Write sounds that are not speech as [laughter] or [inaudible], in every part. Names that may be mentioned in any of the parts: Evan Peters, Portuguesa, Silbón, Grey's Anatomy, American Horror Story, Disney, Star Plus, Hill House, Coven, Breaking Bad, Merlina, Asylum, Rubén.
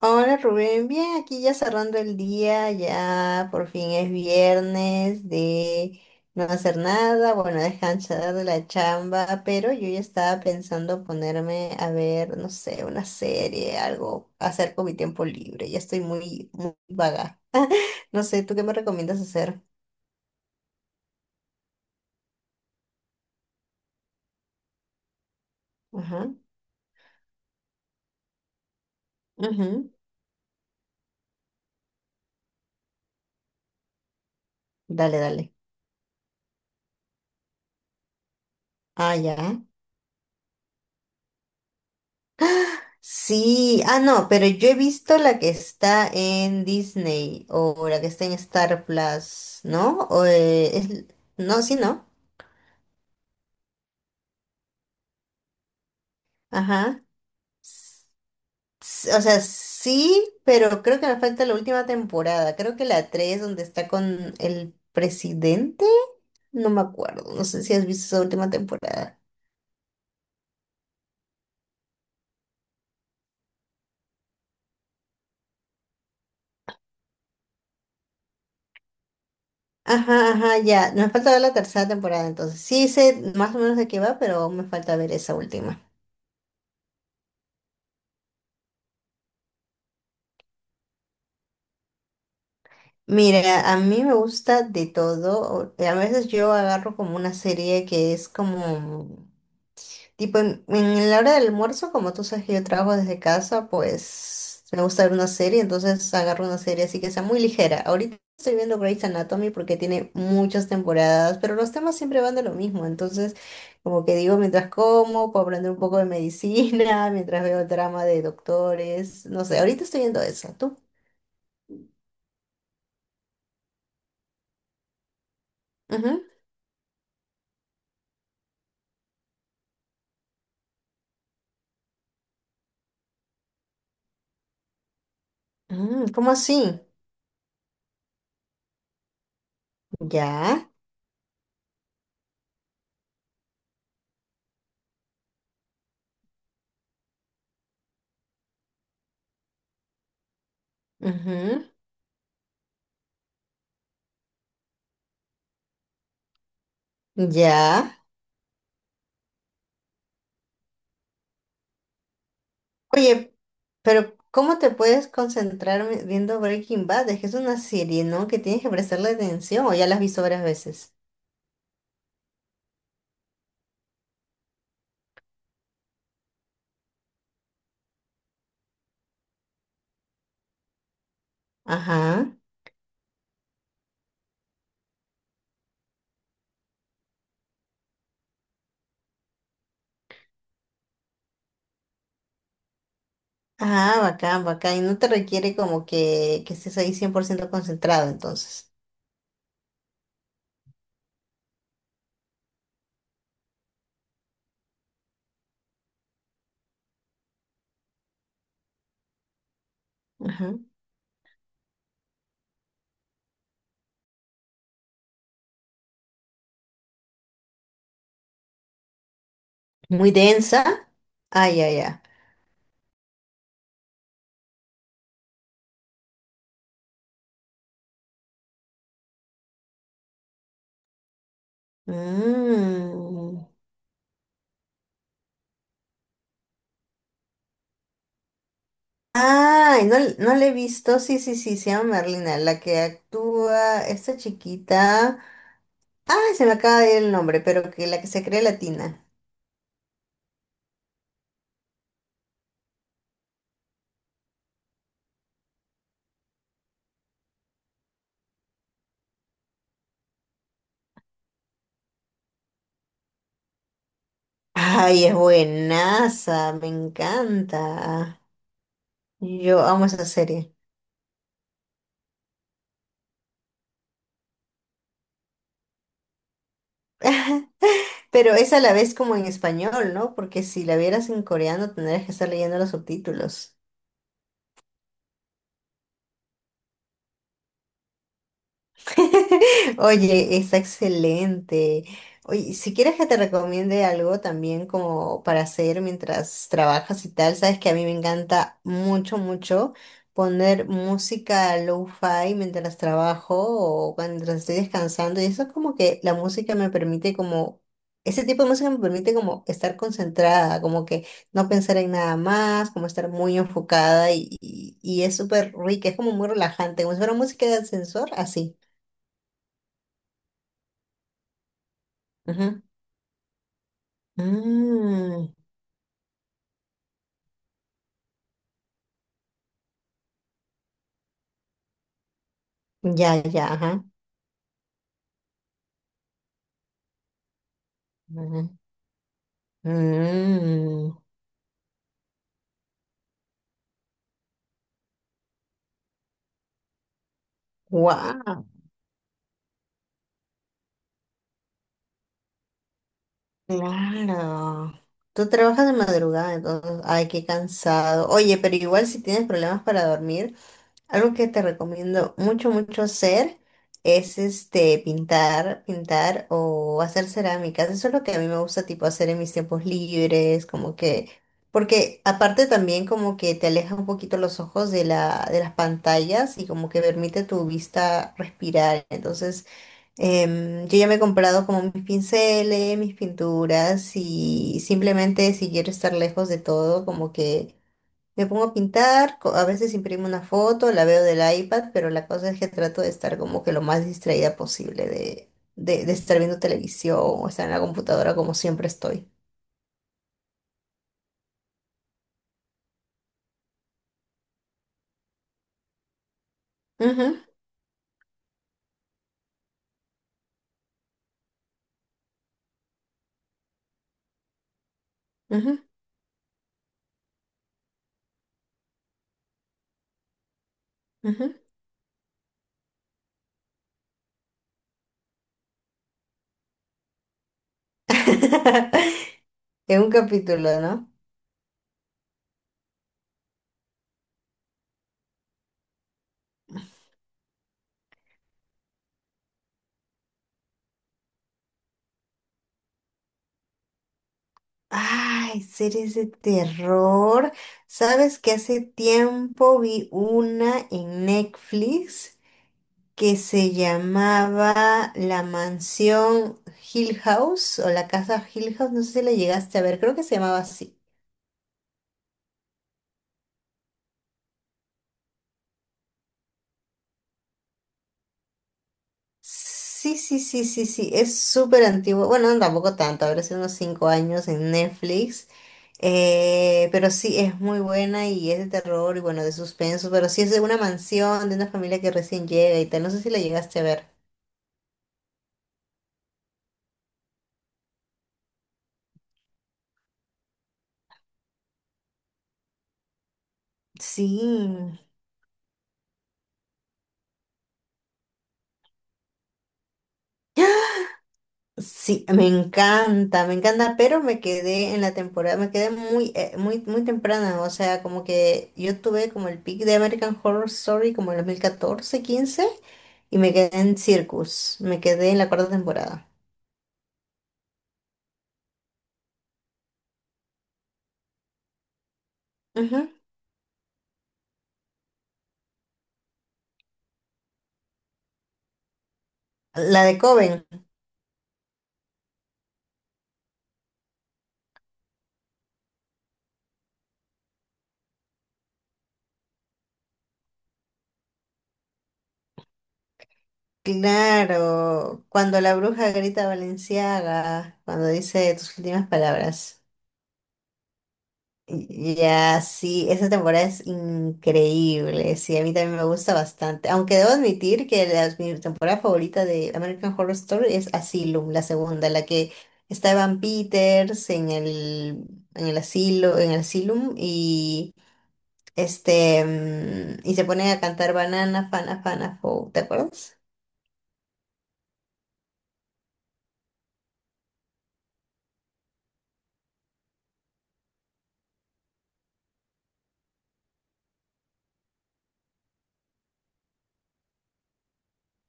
Hola Rubén, bien, aquí ya cerrando el día, ya por fin es viernes de no hacer nada, bueno, descansar de la chamba, pero yo ya estaba pensando ponerme a ver, no sé, una serie, algo, hacer con mi tiempo libre, ya estoy muy vaga. No sé, ¿tú qué me recomiendas hacer? Ajá, ujú. Dale, dale. Ah, ya. Sí, ah, no, pero yo he visto la que está en Disney o la que está en Star Plus, ¿no? O, no, sí, no. Ajá. S- o sea, sí, pero creo que nos falta la última temporada. Creo que la tres, donde está con el presidente. No me acuerdo. No sé si has visto esa última temporada. Ajá, ajá, ya. Nos falta ver la tercera temporada, entonces. Sí sé más o menos de qué va, pero aún me falta ver esa última. Mira, a mí me gusta de todo. A veces yo agarro como una serie que es como, tipo, en la hora del almuerzo, como tú sabes que yo trabajo desde casa, pues me gusta ver una serie, entonces agarro una serie así que sea muy ligera. Ahorita estoy viendo Grey's Anatomy porque tiene muchas temporadas, pero los temas siempre van de lo mismo. Entonces, como que digo, mientras como, puedo aprender un poco de medicina, [laughs] mientras veo el drama de doctores, no sé, ahorita estoy viendo eso. ¿Tú? Ujú. Mm, ¿cómo así? ¿Ya? Ujú. Ya. Oye, pero ¿cómo te puedes concentrar viendo Breaking Bad? Es que es una serie, ¿no?, que tienes que prestarle atención. O ya la has visto varias veces. Ajá. Ah, bacán, bacán. Y no te requiere como que estés ahí 100% concentrado, entonces. Ajá. Muy densa. Ah, ya, ya. Mm. Ay, no, no la he visto. Sí, sí, sí, se llama Merlina, la que actúa esta chiquita. Ah, se me acaba de ir el nombre, pero que la que se cree latina. Ay, es buenaza, me encanta. Yo amo esa serie. [laughs] Pero es a la vez como en español, ¿no? Porque si la vieras en coreano tendrías que estar leyendo los subtítulos. [laughs] Oye, está excelente. Oye, si quieres que te recomiende algo también como para hacer mientras trabajas y tal, sabes que a mí me encanta mucho poner música lo-fi mientras trabajo o mientras estoy descansando. Y eso es como que la música me permite como, ese tipo de música me permite como estar concentrada, como que no pensar en nada más, como estar muy enfocada y, y es súper rica, es como muy relajante, como si fuera música de ascensor, así. Ajá. Ah, ya, ya, ajá. Ajá. Mm, wow, claro. Tú trabajas de madrugada, entonces, ay, qué cansado. Oye, pero igual si tienes problemas para dormir, algo que te recomiendo mucho hacer es este pintar, pintar o hacer cerámicas. Eso es lo que a mí me gusta tipo hacer en mis tiempos libres, como que, porque aparte también como que te aleja un poquito los ojos de la, de las pantallas y como que permite tu vista respirar. Entonces, yo ya me he comprado como mis pinceles, mis pinturas y simplemente si quiero estar lejos de todo, como que me pongo a pintar, a veces imprimo una foto, la veo del iPad, pero la cosa es que trato de estar como que lo más distraída posible de, de estar viendo televisión o estar en la computadora como siempre estoy. Ujú, ujú, ujú. [laughs] Es un capítulo, ¿no? Ay, series de terror. ¿Sabes que hace tiempo vi una en Netflix que se llamaba La Mansión Hill House o la Casa Hill House? No sé si la llegaste a ver, creo que se llamaba así. Sí, sí, sí, sí, sí, es súper antiguo. Bueno, no, tampoco tanto, habrá sido unos 5 años en Netflix. Pero sí, es muy buena y es de terror y bueno, de suspenso, pero sí es de una mansión, de una familia que recién llega y tal. No sé si la llegaste a ver. Sí. Sí, me encanta, pero me quedé en la temporada, me quedé muy, muy, muy temprana, o sea, como que yo tuve como el pic de American Horror Story como en 2014, 15 y me quedé en Circus, me quedé en la cuarta temporada. Ujú. La de Coven, claro, cuando la bruja grita Valenciaga, cuando dice tus últimas palabras. Ya, sí, esa temporada es increíble, sí, a mí también me gusta bastante, aunque debo admitir que mi temporada favorita de American Horror Story es Asylum, la segunda, la que está Evan Peters en el asilo, en el Asylum y este, mm, y se ponen a cantar Banana, Fana, Fana, Fou, ¿te acuerdas?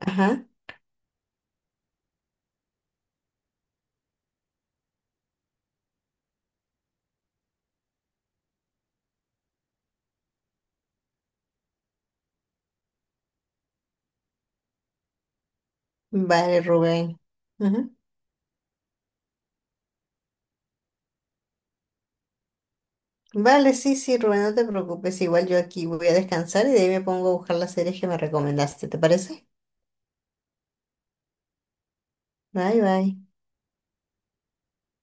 Ajá, vale, Rubén. Vale, sí, sí, Rubén, no te preocupes. Igual yo aquí voy a descansar y de ahí me pongo a buscar las series que me recomendaste. ¿Te parece? Bye, bye.